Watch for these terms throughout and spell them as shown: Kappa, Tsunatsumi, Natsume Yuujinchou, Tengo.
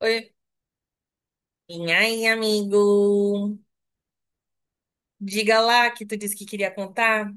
Oi. E aí, amigo? Diga lá que tu disse que queria contar.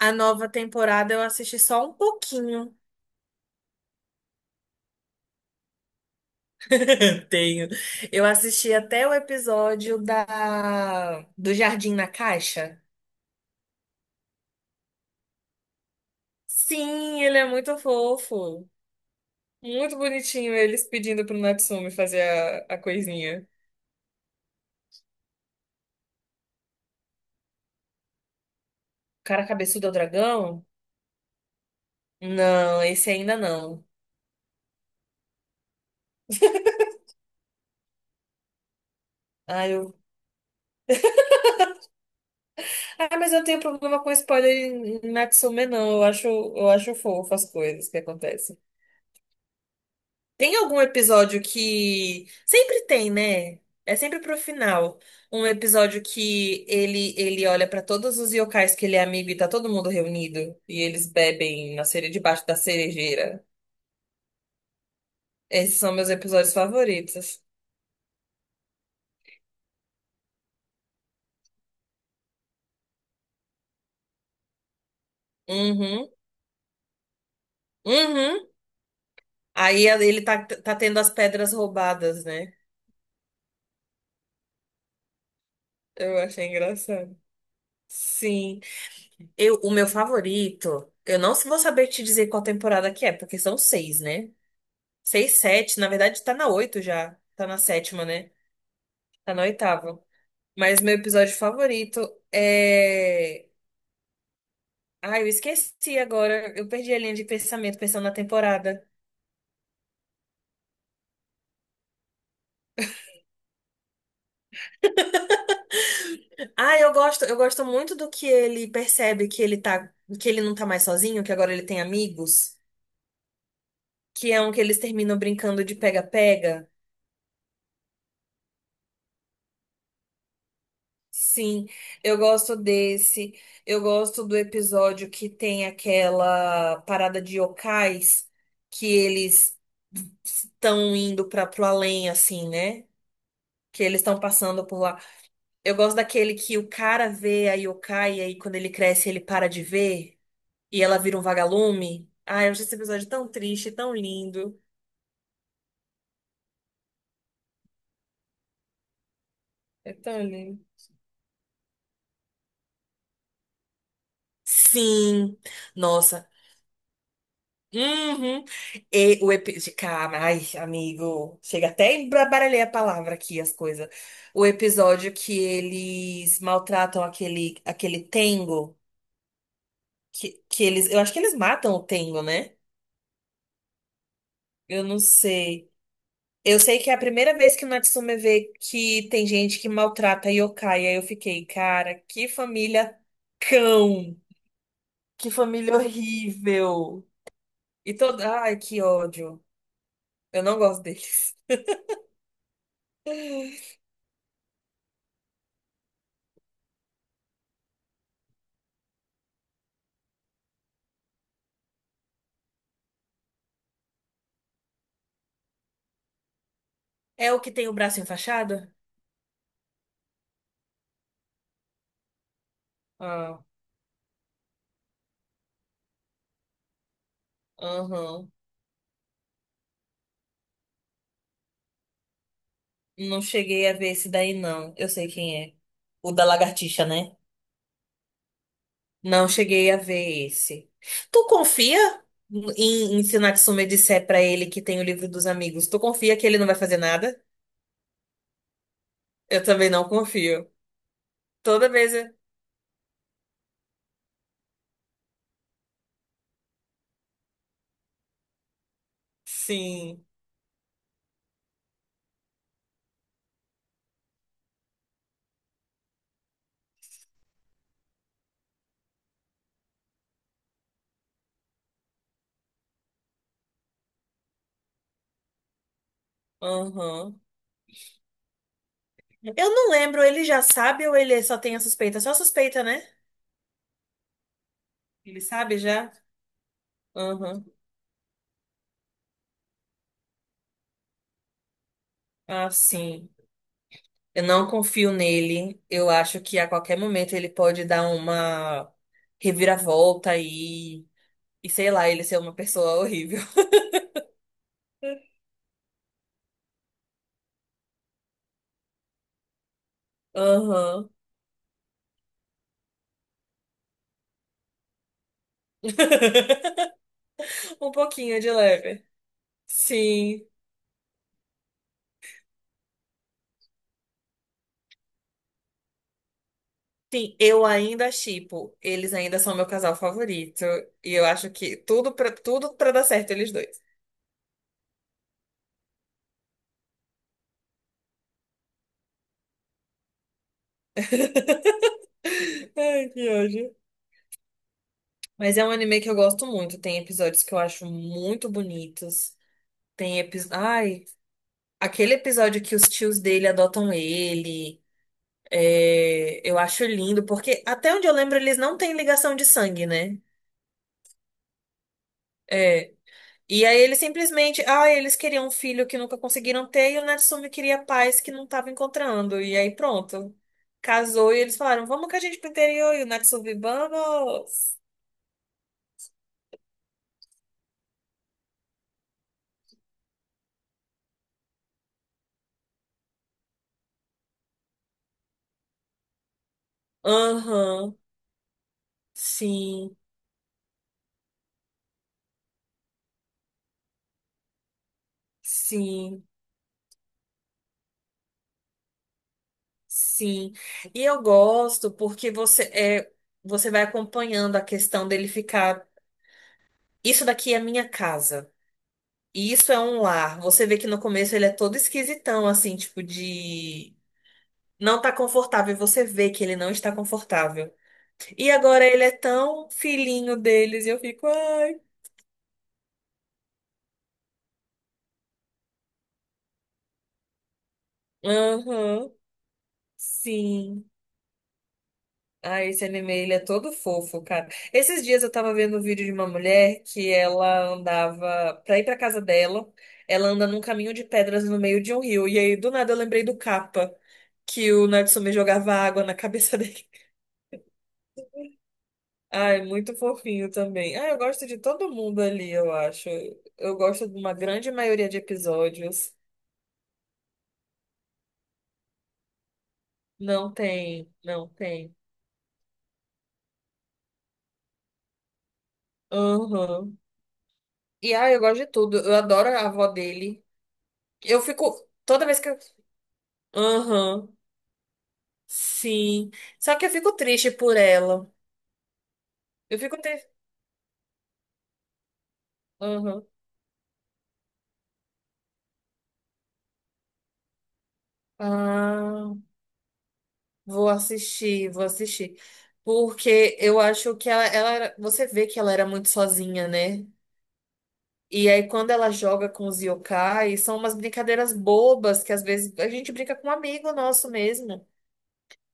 A nova temporada eu assisti só um pouquinho. Tenho. Eu assisti até o episódio da do Jardim na Caixa. Sim, ele é muito fofo. Muito bonitinho eles pedindo pro Natsume fazer a coisinha. O cara cabeçudo é o dragão? Não, esse ainda não. Ah, eu Ah, mas eu não tenho problema com spoiler em Natsume, não. Eu acho fofo as coisas que acontecem. Tem algum episódio que. Sempre tem, né? É sempre pro final. Um episódio que ele olha pra todos os yokais que ele é amigo e tá todo mundo reunido. E eles bebem na cereja, debaixo da cerejeira. Esses são meus episódios favoritos. Uhum. Uhum. Aí ele tá tendo as pedras roubadas, né? Eu achei engraçado. Sim. O meu favorito, eu não vou saber te dizer qual temporada que é, porque são seis, né? Seis, sete, na verdade tá na oito já. Tá na sétima, né? Tá na oitava. Mas meu episódio favorito é. Ai, eu esqueci agora. Eu perdi a linha de pensamento pensando na temporada. Ah, eu gosto muito do que ele percebe que ele tá, que ele não tá mais sozinho, que agora ele tem amigos, que é um que eles terminam brincando de pega-pega. Sim, eu gosto desse. Eu gosto do episódio que tem aquela parada de yokais que eles estão indo para pro além, assim, né? Que eles estão passando por lá. Eu gosto daquele que o cara vê a yokai e aí quando ele cresce ele para de ver e ela vira um vagalume. Ah, eu acho esse episódio tão triste, tão lindo. É tão lindo. Sim, nossa. Uhum. E o episódio. Cara, ai, amigo. Chega até embaralhei a palavra aqui, as coisas. O episódio que eles maltratam aquele Tengo. Que eles. Eu acho que eles matam o Tengo, né? Eu não sei. Eu sei que é a primeira vez que o Natsume vê que tem gente que maltrata yokai. Aí eu fiquei, cara, que família cão. Que família horrível. E toda. Ai, que ódio. Eu não gosto deles. É o que tem o braço enfaixado? Ah, aham. Não cheguei a ver esse daí, não. Eu sei quem é. O da lagartixa, né? Não cheguei a ver esse. Tu confia em Tsunatsumi disser pra ele que tem o livro dos amigos? Tu confia que ele não vai fazer nada? Eu também não confio. Toda vez. Eu- Sim. Aham. Eu não lembro, ele já sabe ou ele só tem a suspeita? Só suspeita, né? Ele sabe já? Aham. Ah, sim. Eu não confio nele. Eu acho que a qualquer momento ele pode dar uma reviravolta e sei lá, ele ser uma pessoa horrível. Aham. Um pouquinho de leve. Sim. Sim, eu ainda shippo. Eles ainda são meu casal favorito. E eu acho que tudo pra dar certo eles dois. Ai, que ódio. Mas é um anime que eu gosto muito. Tem episódios que eu acho muito bonitos. Tem episódios. Aquele episódio que os tios dele adotam ele, é, eu acho lindo, porque até onde eu lembro eles não têm ligação de sangue, né? É. E aí eles simplesmente, ah, eles queriam um filho que nunca conseguiram ter e o Natsumi queria paz que não tava encontrando. E aí pronto, casou e eles falaram, vamos com a gente pro interior e o Natsumi, vamos. Aham, sim, sim, sim. E eu gosto porque você é, você vai acompanhando a questão dele ficar. Isso daqui é a minha casa. E isso é um lar. Você vê que no começo ele é todo esquisitão, assim, tipo de. Não tá confortável. E você vê que ele não está confortável. E agora ele é tão filhinho deles. E eu fico, ai. Aham, sim. Ah, esse anime, ele é todo fofo, cara. Esses dias eu tava vendo um vídeo de uma mulher que ela andava, pra ir pra casa dela, ela anda num caminho de pedras no meio de um rio. E aí, do nada, eu lembrei do Kappa, que o Natsume jogava água na cabeça dele. Ai, muito fofinho também. Ah, eu gosto de todo mundo ali, eu acho. Eu gosto de uma grande maioria de episódios. Não tem, não tem. Aham. E ah, eu gosto de tudo. Eu adoro a avó dele. Eu fico. Toda vez que eu. Aham. Sim. Só que eu fico triste por ela. Eu fico triste. Ah, vou assistir, vou assistir. Porque eu acho que você vê que ela era muito sozinha, né? E aí, quando ela joga com os yokai, são umas brincadeiras bobas que às vezes a gente brinca com um amigo nosso mesmo.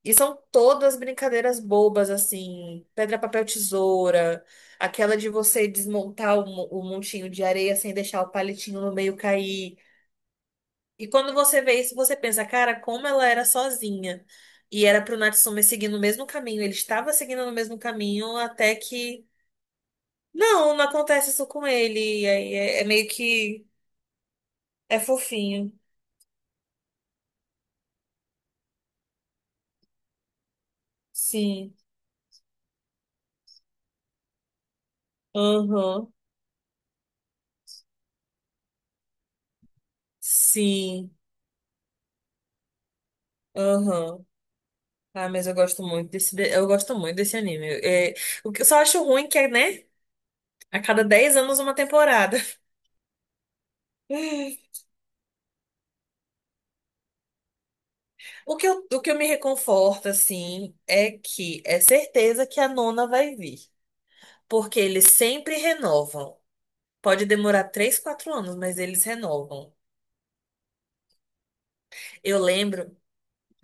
E são todas brincadeiras bobas, assim, pedra, papel, tesoura, aquela de você desmontar o montinho de areia sem deixar o palitinho no meio cair. E quando você vê isso, você pensa, cara, como ela era sozinha. E era pro Natsume seguir no mesmo caminho. Ele estava seguindo no mesmo caminho até que. Não, não acontece isso com ele. E aí é meio que. É fofinho. Sim. Aham. Sim. Aham. Ah, mas eu gosto muito desse anime. É, o que eu, só acho ruim que é, né? A cada 10 anos uma temporada. O que eu me reconforto, assim, é que é certeza que a nona vai vir. Porque eles sempre renovam. Pode demorar 3, 4 anos, mas eles renovam. Eu lembro,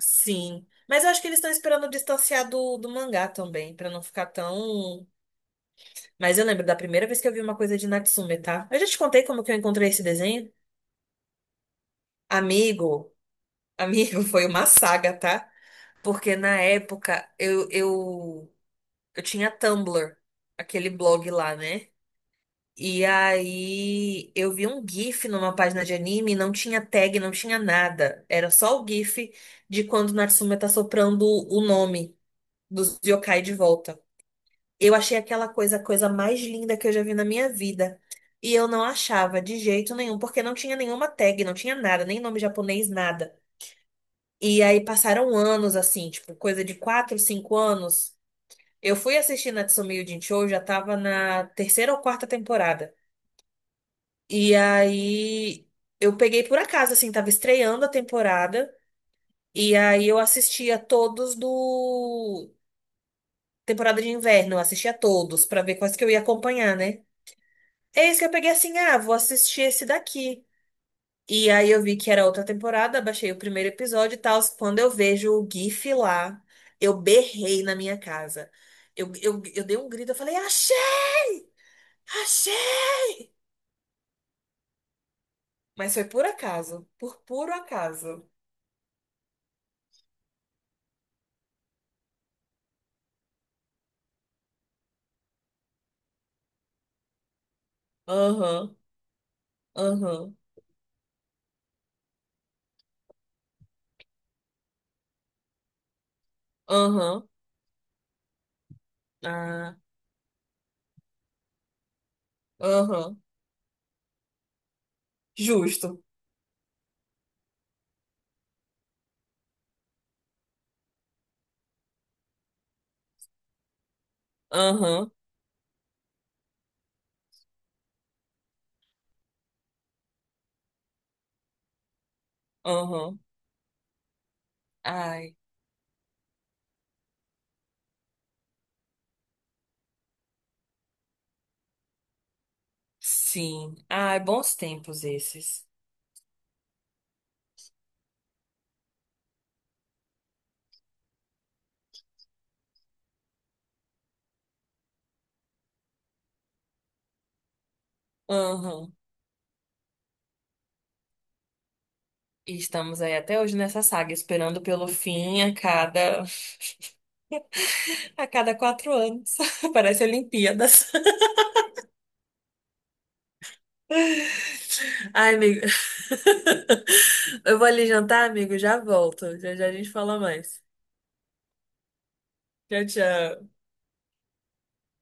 sim. Mas eu acho que eles estão esperando distanciar do mangá também, pra não ficar tão. Mas eu lembro da primeira vez que eu vi uma coisa de Natsume, tá? Eu já te contei como que eu encontrei esse desenho? Amigo, amigo, foi uma saga, tá? Porque na época eu tinha Tumblr, aquele blog lá, né? E aí eu vi um GIF numa página de anime, não tinha tag, não tinha nada. Era só o GIF de quando Natsume tá soprando o nome dos yokai de volta. Eu achei aquela coisa a coisa mais linda que eu já vi na minha vida. E eu não achava de jeito nenhum, porque não tinha nenhuma tag, não tinha nada, nem nome japonês, nada. E aí passaram anos assim, tipo, coisa de 4 5 anos. Eu fui assistir Natsume Yuujinchou, já tava na terceira ou quarta temporada. E aí eu peguei por acaso, assim, tava estreando a temporada. E aí eu assistia todos do temporada de inverno, eu assistia todos pra ver quais que eu ia acompanhar, né? É isso que eu peguei assim, ah, vou assistir esse daqui. E aí eu vi que era outra temporada, baixei o primeiro episódio e tal. Quando eu vejo o GIF lá, eu berrei na minha casa. Eu dei um grito, eu falei, achei! Achei! Mas foi por acaso, por puro acaso. Aham, aham. Aham. Ah, aham. Justo. Aham. Aham. Ai, sim. Ai, bons tempos esses. Aham. E estamos aí até hoje nessa saga, esperando pelo fim a cada a cada 4 anos. Parece Olimpíadas. Ai, amigo. Eu vou ali jantar, amigo. Já volto. Já já a gente fala mais. Tchau, tchau.